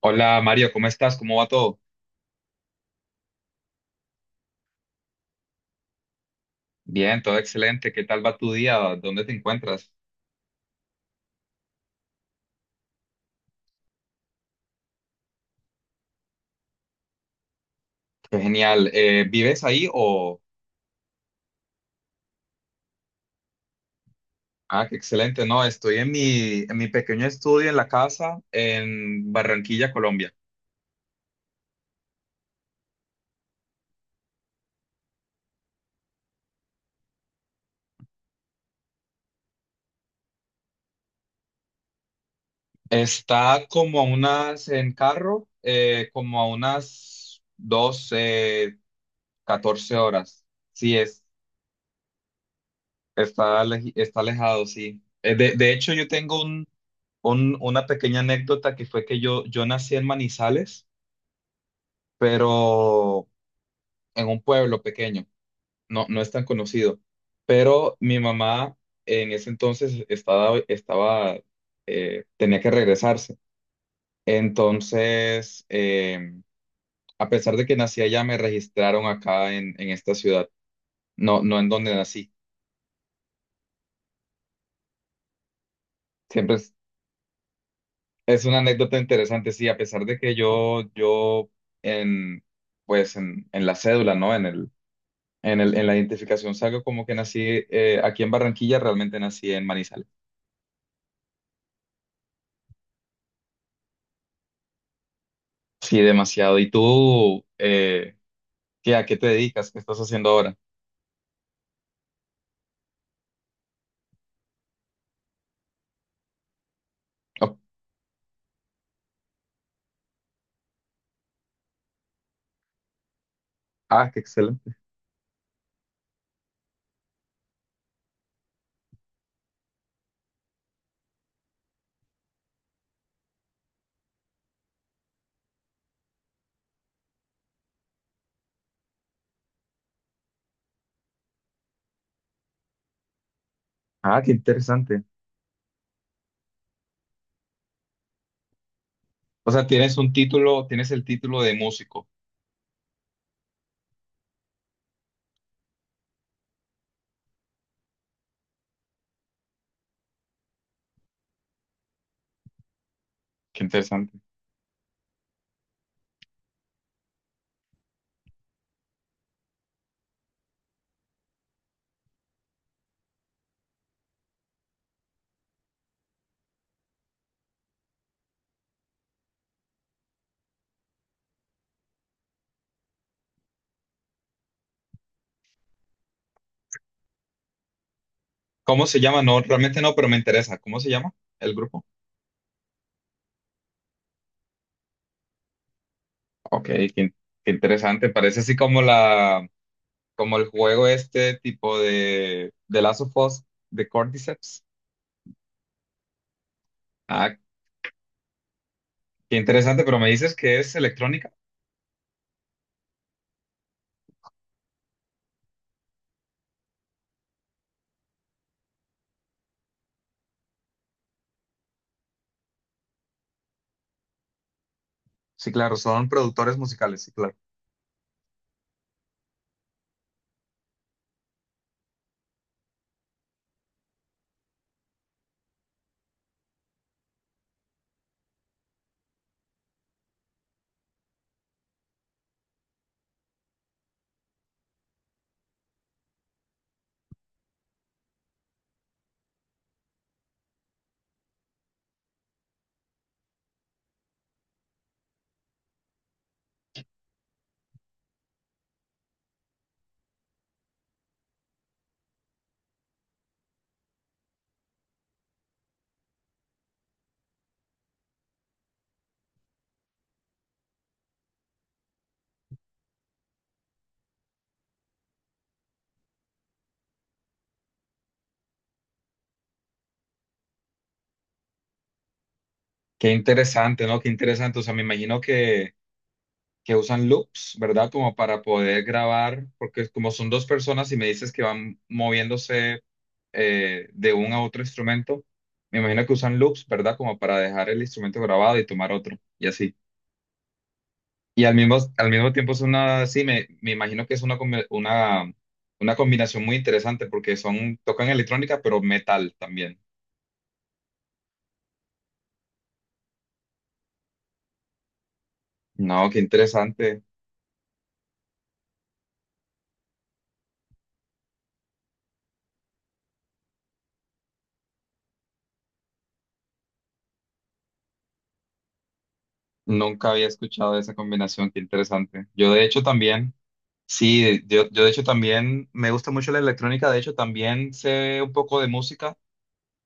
Hola Mario, ¿cómo estás? ¿Cómo va todo? Bien, todo excelente. ¿Qué tal va tu día? ¿Dónde te encuentras? Qué genial. ¿Vives ahí o...? Ah, qué excelente. No, estoy en mi pequeño estudio en la casa en Barranquilla, Colombia. Está como a unas, en carro, como a unas 12, 14 horas. Sí, está, está alejado, sí. De hecho, yo tengo una pequeña anécdota que fue que yo nací en Manizales, pero en un pueblo pequeño, no, no es tan conocido. Pero mi mamá en ese entonces tenía que regresarse. Entonces, a pesar de que nací allá, me registraron acá en esta ciudad, no, no en donde nací. Siempre es una anécdota interesante, sí, a pesar de que yo, en, pues en la cédula, ¿no? En la identificación salgo como que nací aquí en Barranquilla, realmente nací en Manizales. Sí, demasiado. ¿Y tú, a qué te dedicas? ¿Qué estás haciendo ahora? Oh, ah, qué excelente. Ah, qué interesante. O sea, tienes un título, tienes el título de músico. Qué interesante. ¿Cómo se llama? No, realmente no, pero me interesa. ¿Cómo se llama el grupo? Ok, qué interesante. Parece así como el juego, este tipo de Last of Us, de Cordyceps. Ah, qué interesante, pero me dices que es electrónica. Sí, claro, son productores musicales, sí, claro. Qué interesante, ¿no? Qué interesante. O sea, me imagino que usan loops, ¿verdad? Como para poder grabar, porque como son dos personas y me dices que van moviéndose de un a otro instrumento, me imagino que usan loops, ¿verdad? Como para dejar el instrumento grabado y tomar otro, y así. Y al mismo tiempo sí, me imagino que es una combinación muy interesante porque son, tocan electrónica, pero metal también. No, qué interesante. Nunca había escuchado esa combinación, qué interesante. Yo de hecho también, sí, yo de hecho también me gusta mucho la electrónica, de hecho también sé un poco de música.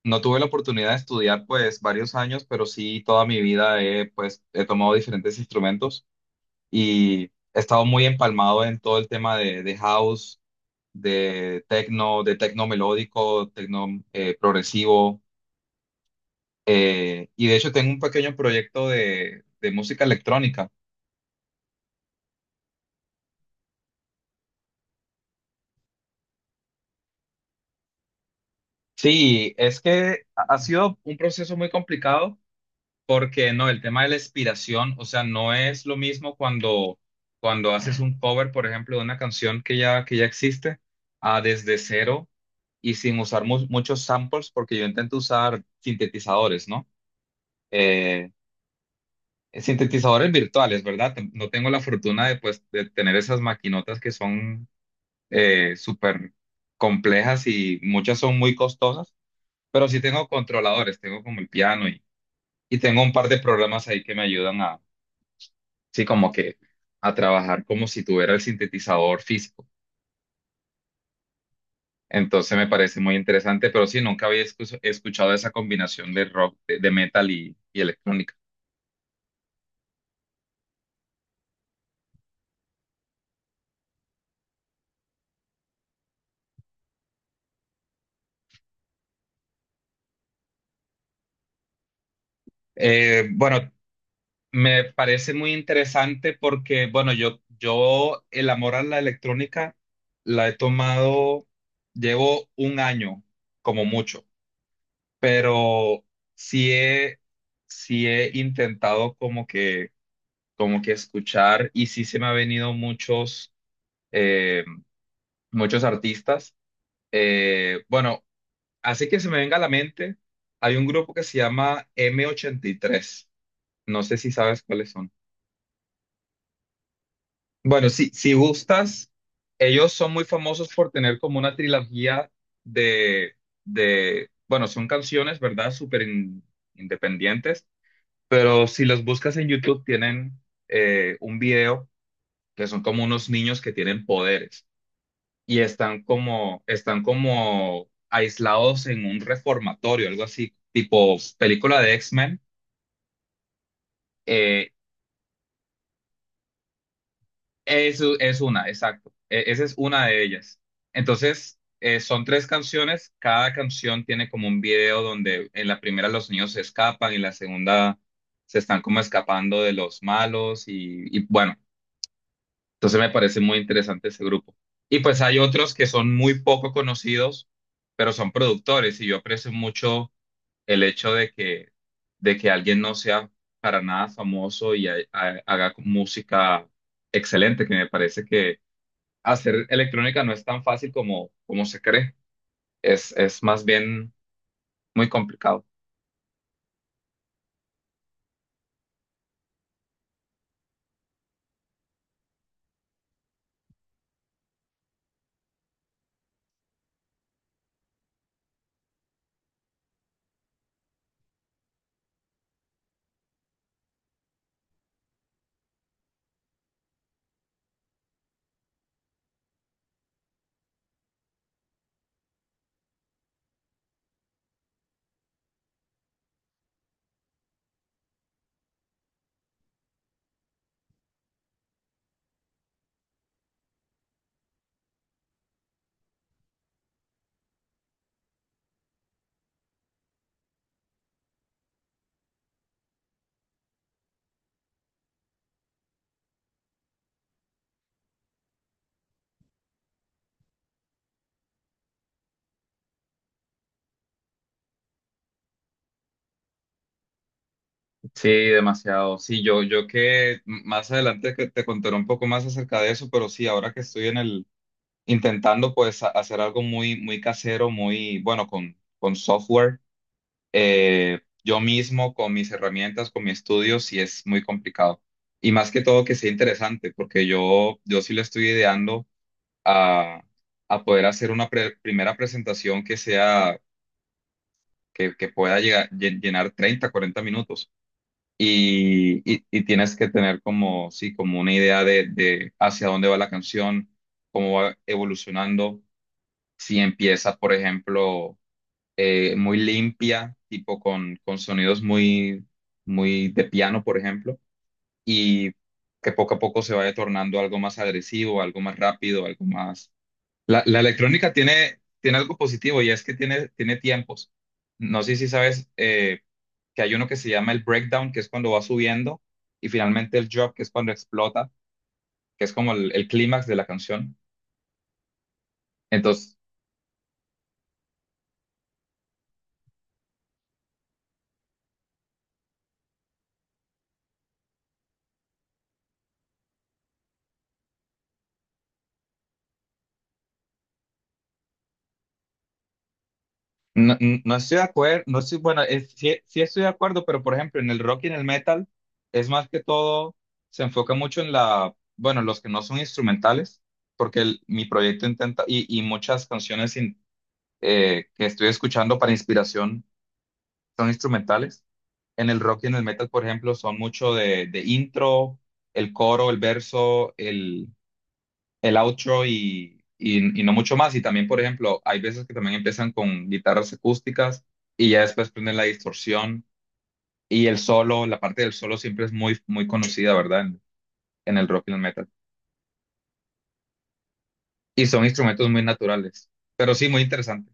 No tuve la oportunidad de estudiar pues varios años, pero sí toda mi vida he pues he tomado diferentes instrumentos y he estado muy empalmado en todo el tema de house, de techno melódico, techno progresivo, y de hecho tengo un pequeño proyecto de música electrónica. Sí, es que ha sido un proceso muy complicado porque no, el tema de la inspiración, o sea, no es lo mismo cuando haces un cover, por ejemplo, de una canción que ya existe, a desde cero y sin usar muchos samples, porque yo intento usar sintetizadores, ¿no? Eh, sintetizadores virtuales, ¿verdad? No tengo la fortuna de, pues, de tener esas maquinotas que son súper complejas y muchas son muy costosas. Pero sí tengo controladores, tengo como el piano, y tengo un par de programas ahí que me ayudan a, sí, como que a trabajar como si tuviera el sintetizador físico. Entonces me parece muy interesante, pero sí, nunca había escuchado esa combinación de rock, de metal y electrónica. Bueno, me parece muy interesante porque, bueno, yo el amor a la electrónica la he tomado, llevo un año como mucho, pero sí he, sí he intentado como que escuchar y sí se me ha venido eh, muchos artistas. Bueno, así que se me venga a la mente, hay un grupo que se llama M83. No sé si sabes cuáles son. Bueno, si gustas, ellos son muy famosos por tener como una trilogía de, bueno, son canciones, ¿verdad? Súper independientes. Pero si los buscas en YouTube, tienen un video que son como unos niños que tienen poderes y están como aislados en un reformatorio, algo así, tipo película de X-Men. Eh, exacto. Esa es una de ellas. Entonces, son tres canciones. Cada canción tiene como un video donde en la primera los niños se escapan y en la segunda se están como escapando de los malos, y bueno. Entonces me parece muy interesante ese grupo. Y pues hay otros que son muy poco conocidos, pero son productores y yo aprecio mucho el hecho de que alguien no sea para nada famoso y haga música excelente, que me parece que hacer electrónica no es tan fácil como se cree. Es más bien muy complicado. Sí, demasiado. Sí, yo más adelante que te contaré un poco más acerca de eso, pero sí, ahora que estoy en el intentando pues hacer algo muy, muy casero, muy bueno con software. Yo mismo, con mis herramientas, con mi estudio, sí es muy complicado. Y más que todo que sea interesante, porque yo sí le estoy ideando a, a poder hacer una primera presentación que sea, que pueda llegar, llenar 30, 40 minutos. Y tienes que tener como, sí, como una idea de hacia dónde va la canción, cómo va evolucionando, si empieza, por ejemplo, muy limpia, tipo con sonidos muy, muy de piano, por ejemplo, y que poco a poco se vaya tornando algo más agresivo, algo más rápido, algo más... La electrónica tiene algo positivo, y es que tiene tiempos. No sé si sabes, que hay uno que se llama el breakdown, que es cuando va subiendo, y finalmente el drop, que es cuando explota, que es como el clímax de la canción. Entonces, no, no estoy de acuerdo, no estoy, bueno, es- sí, sí estoy de acuerdo, pero por ejemplo, en el rock y en el metal es más que todo, se enfoca mucho en la, bueno, los que no son instrumentales, porque mi proyecto intenta, y muchas canciones que estoy escuchando para inspiración son instrumentales. En el rock y en el metal, por ejemplo, son mucho de intro, el coro, el verso, el outro, y no mucho más. Y también, por ejemplo, hay veces que también empiezan con guitarras acústicas y ya después prenden la distorsión y el solo, la parte del solo siempre es muy, muy conocida, ¿verdad? En el rock y el metal. Y son instrumentos muy naturales, pero sí, muy interesante.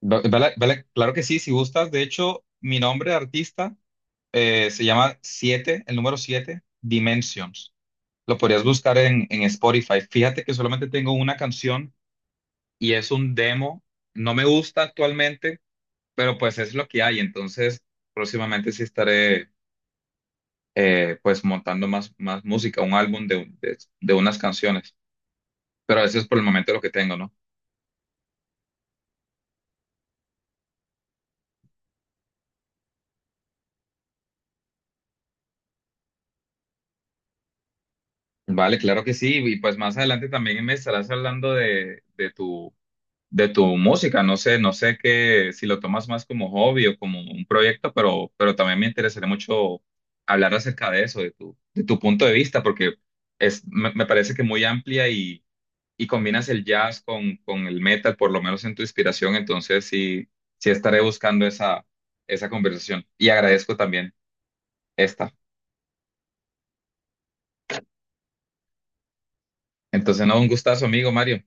Vale, claro que sí. Si gustas. De hecho, mi nombre de artista, se llama 7, el número 7 Dimensions. Lo podrías buscar en Spotify. Fíjate que solamente tengo una canción y es un demo. No me gusta actualmente, pero pues es lo que hay. Entonces, próximamente sí estaré, pues montando más música, un álbum de unas canciones. Pero eso es por el momento lo que tengo, ¿no? Vale, claro que sí. Y pues más adelante también me estarás hablando de tu música. No sé qué, si lo tomas más como hobby o como un proyecto, pero también me interesaría mucho hablar acerca de eso, de tu punto de vista, porque es, me parece que muy amplia, y combinas el jazz con el metal, por lo menos en tu inspiración. Entonces, sí, sí estaré buscando esa conversación. Y agradezco también esta. Entonces, no, un gustazo, amigo Mario.